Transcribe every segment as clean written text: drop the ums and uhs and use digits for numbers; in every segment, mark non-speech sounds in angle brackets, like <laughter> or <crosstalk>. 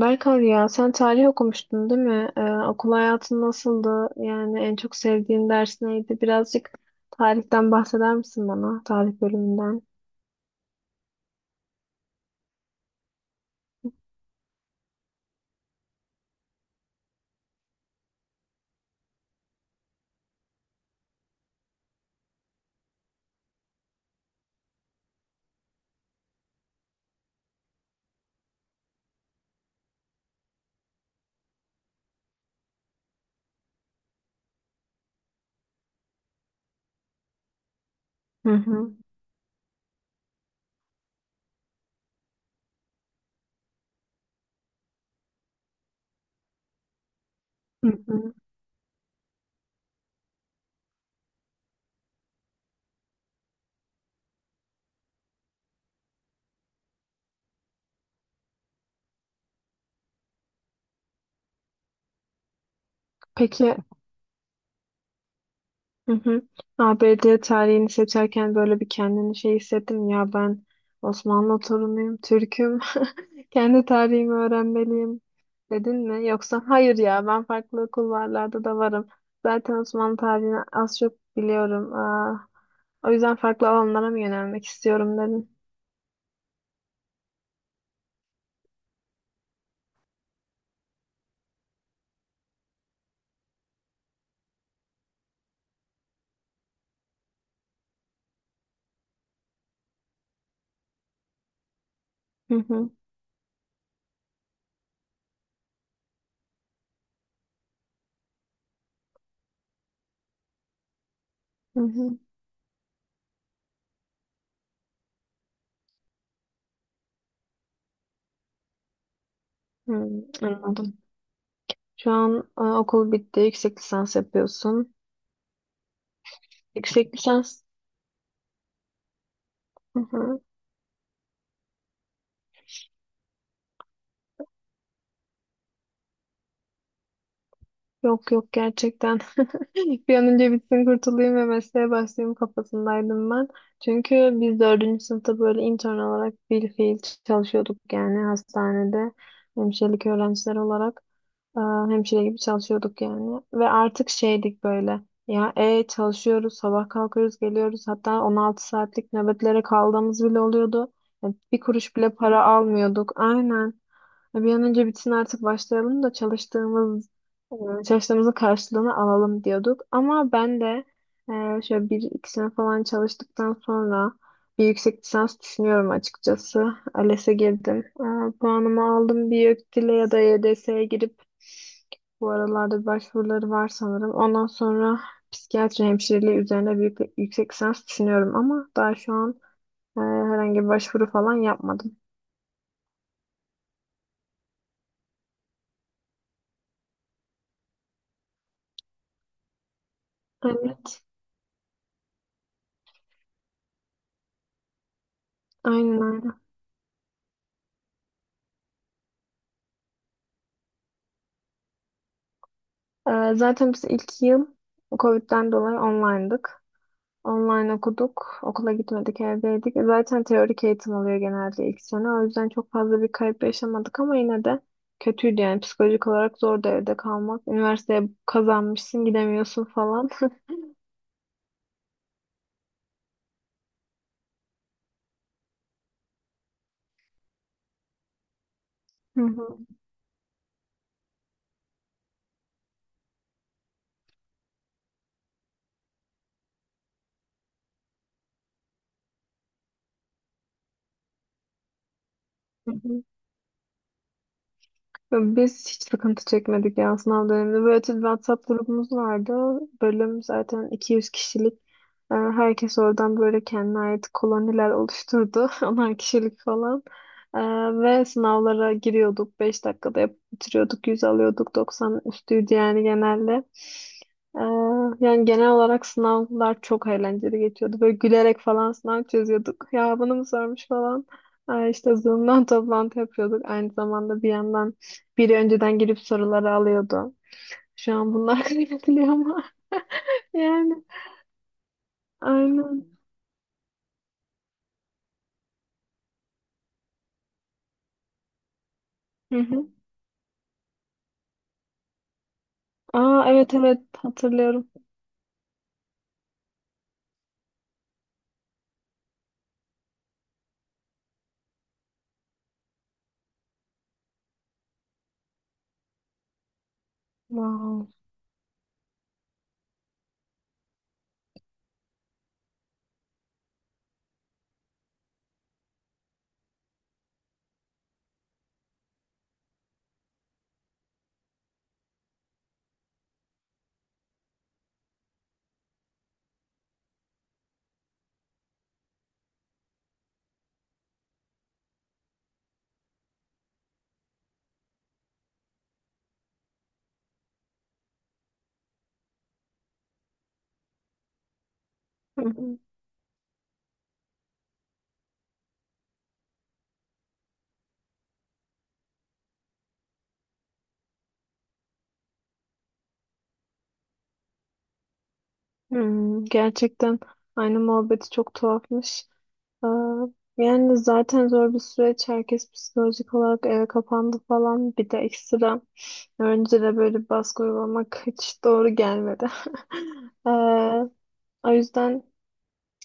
Berkan ya sen tarih okumuştun değil mi? Okul hayatın nasıldı? Yani en çok sevdiğin ders neydi? Birazcık tarihten bahseder misin bana? Tarih bölümünden. Hı hı. Hı hı. Peki. Hı hı. ABD tarihini seçerken böyle bir kendini şey hissettim ya ben Osmanlı torunuyum, Türk'üm, <laughs> kendi tarihimi öğrenmeliyim dedin mi? Yoksa hayır ya ben farklı kulvarlarda da varım. Zaten Osmanlı tarihini az çok biliyorum. Aa, o yüzden farklı alanlara mı yönelmek istiyorum dedin. Hı hı, hı hı. Hı, anladım. Şu an okul bitti, yüksek lisans yapıyorsun. Yüksek lisans. Hı hı. Yok yok, gerçekten. <laughs> Bir an önce bitsin kurtulayım ve mesleğe başlayayım kafasındaydım ben. Çünkü biz dördüncü sınıfta böyle intern olarak bilfiil çalışıyorduk yani hastanede hemşirelik öğrenciler olarak e, hemşire gibi çalışıyorduk yani. Ve artık şeydik böyle, ya çalışıyoruz, sabah kalkıyoruz, geliyoruz, hatta 16 saatlik nöbetlere kaldığımız bile oluyordu. Yani bir kuruş bile para almıyorduk, aynen. Bir an önce bitsin artık başlayalım da e, çalıştığımızın karşılığını alalım diyorduk. Ama ben de şöyle bir iki sene falan çalıştıktan sonra bir yüksek lisans düşünüyorum açıkçası. ALES'e girdim. Puanımı aldım, bir YÖKDİL'e ya da YDS'ye girip, bu aralarda bir başvuruları var sanırım. Ondan sonra psikiyatri hemşireliği üzerine büyük bir yüksek lisans düşünüyorum ama daha şu an herhangi bir başvuru falan yapmadım. Evet, aynen öyle. Zaten biz ilk yıl Covid'den dolayı online'dık. Online okuduk. Okula gitmedik, evdeydik. Zaten teorik eğitim oluyor genelde ilk sene. O yüzden çok fazla bir kayıp yaşamadık ama yine de kötüydü yani. Psikolojik olarak zordu evde kalmak. Üniversiteye kazanmışsın, gidemiyorsun falan. Hı hı. Biz hiç sıkıntı çekmedik ya sınav döneminde. Böyle özel bir WhatsApp grubumuz vardı. Bölüm zaten 200 kişilik. Herkes oradan böyle kendine ait koloniler oluşturdu. <laughs> Onar kişilik falan. Ee, Ve sınavlara giriyorduk. 5 dakikada yapıp bitiriyorduk. 100 alıyorduk. 90 üstüydü yani genelde. Ee, Yani genel olarak sınavlar çok eğlenceli geçiyordu. Böyle gülerek falan sınav çözüyorduk. Ya bunu mu sormuş falan. İşte Zoom'dan <laughs> toplantı yapıyorduk. Aynı zamanda bir yandan biri önceden girip soruları alıyordu. Şu an bunlar <laughs> kaybediliyor ama. <laughs> Yani aynen. Hı hı. Aa, evet evet, hatırlıyorum. Wow. Hı hı. Hmm, gerçekten, aynı muhabbeti, çok tuhafmış. Aa, yani zaten zor bir süreç. Herkes psikolojik olarak eve kapandı falan. Bir de ekstra öğrencilere böyle bir baskı uygulamak hiç doğru gelmedi. <laughs> Ee, O yüzden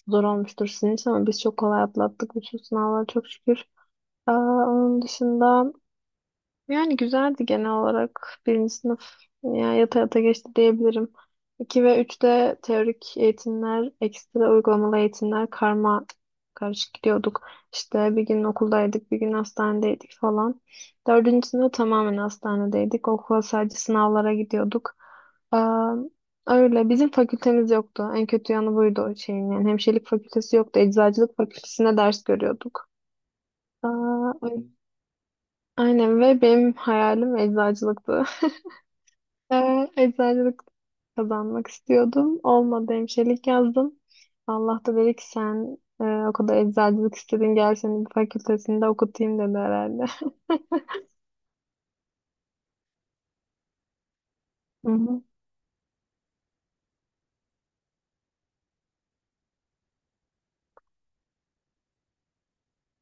zor olmuştur sizin için ama biz çok kolay atlattık, bütün sınavlar, çok şükür. Aa, onun dışında yani güzeldi genel olarak. Birinci sınıf yani yata yata geçti diyebilirim. İki ve üçte teorik eğitimler, ekstra uygulamalı eğitimler karma karışık gidiyorduk. İşte bir gün okuldaydık, bir gün hastanedeydik falan. Dördüncü sınıf tamamen hastanedeydik. Okula sadece sınavlara gidiyorduk. Aa, öyle, bizim fakültemiz yoktu. En kötü yanı buydu o şeyin. Yani hemşirelik fakültesi yoktu. Eczacılık fakültesine ders görüyorduk. Aa, aynen. Ve benim hayalim eczacılıktı. <laughs> Eczacılık kazanmak istiyordum. Olmadı, hemşirelik yazdım. Allah da dedi ki sen o kadar eczacılık istedin, gel seni bir fakültesinde okutayım, dedi herhalde. <laughs> Hı hı.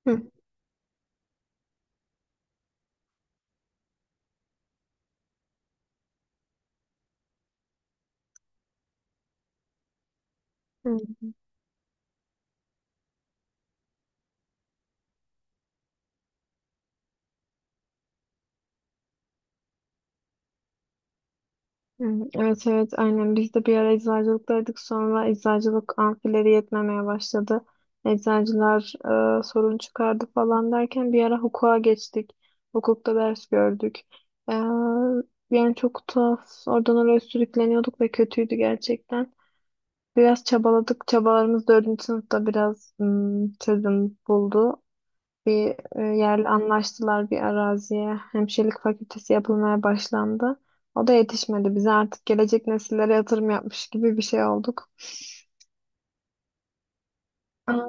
Hı. Hı. Hmm, evet evet, aynen biz de bir ara eczacılıktaydık, sonra eczacılık amfileri yetmemeye başladı. Eczacılar sorun çıkardı falan derken bir ara hukuka geçtik. Hukukta ders gördük. E, Yani çok tuhaf, oradan oraya sürükleniyorduk ve kötüydü gerçekten. Biraz çabaladık, çabalarımız dördüncü sınıfta biraz çözüm buldu, bir yerle anlaştılar, bir araziye. Hemşirelik fakültesi yapılmaya başlandı. O da yetişmedi. Bize artık gelecek nesillere yatırım yapmış gibi bir şey olduk. Aa,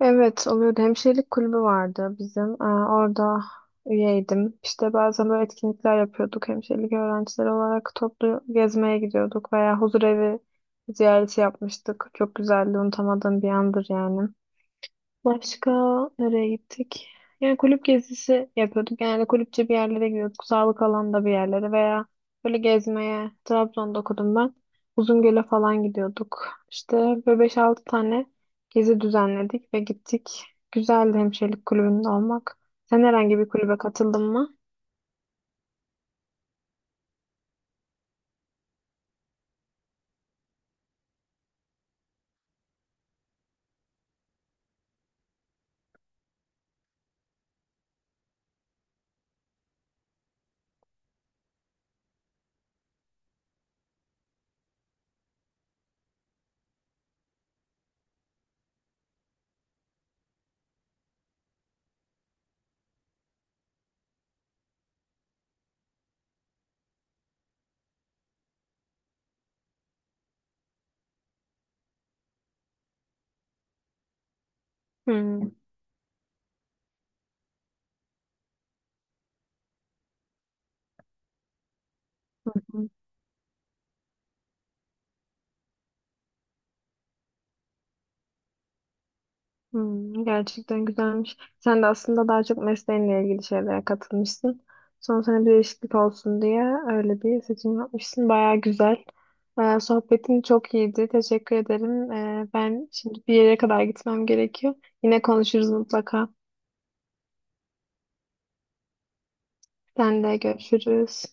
evet, oluyordu. Hemşirelik kulübü vardı bizim. Aa, orada üyeydim. İşte bazen böyle etkinlikler yapıyorduk. Hemşirelik öğrencileri olarak toplu gezmeye gidiyorduk veya huzur evi ziyareti yapmıştık. Çok güzeldi. Unutamadığım bir andır yani. Başka nereye gittik? Yani kulüp gezisi yapıyorduk. Genelde kulüpçe bir yerlere gidiyorduk. Sağlık alanında bir yerlere veya böyle gezmeye. Trabzon'da okudum ben. Uzungöl'e falan gidiyorduk. İşte böyle beş altı tane gezi düzenledik ve gittik. Güzeldi hemşirelik kulübünde olmak. Sen herhangi bir kulübe katıldın mı? Hmm. Hmm, gerçekten güzelmiş. Sen de aslında daha çok mesleğinle ilgili şeylere katılmışsın. Son sene bir değişiklik olsun diye öyle bir seçim yapmışsın. Baya güzel. Sohbetin çok iyiydi. Teşekkür ederim. Ben şimdi bir yere kadar gitmem gerekiyor. Yine konuşuruz mutlaka. Sen de görüşürüz.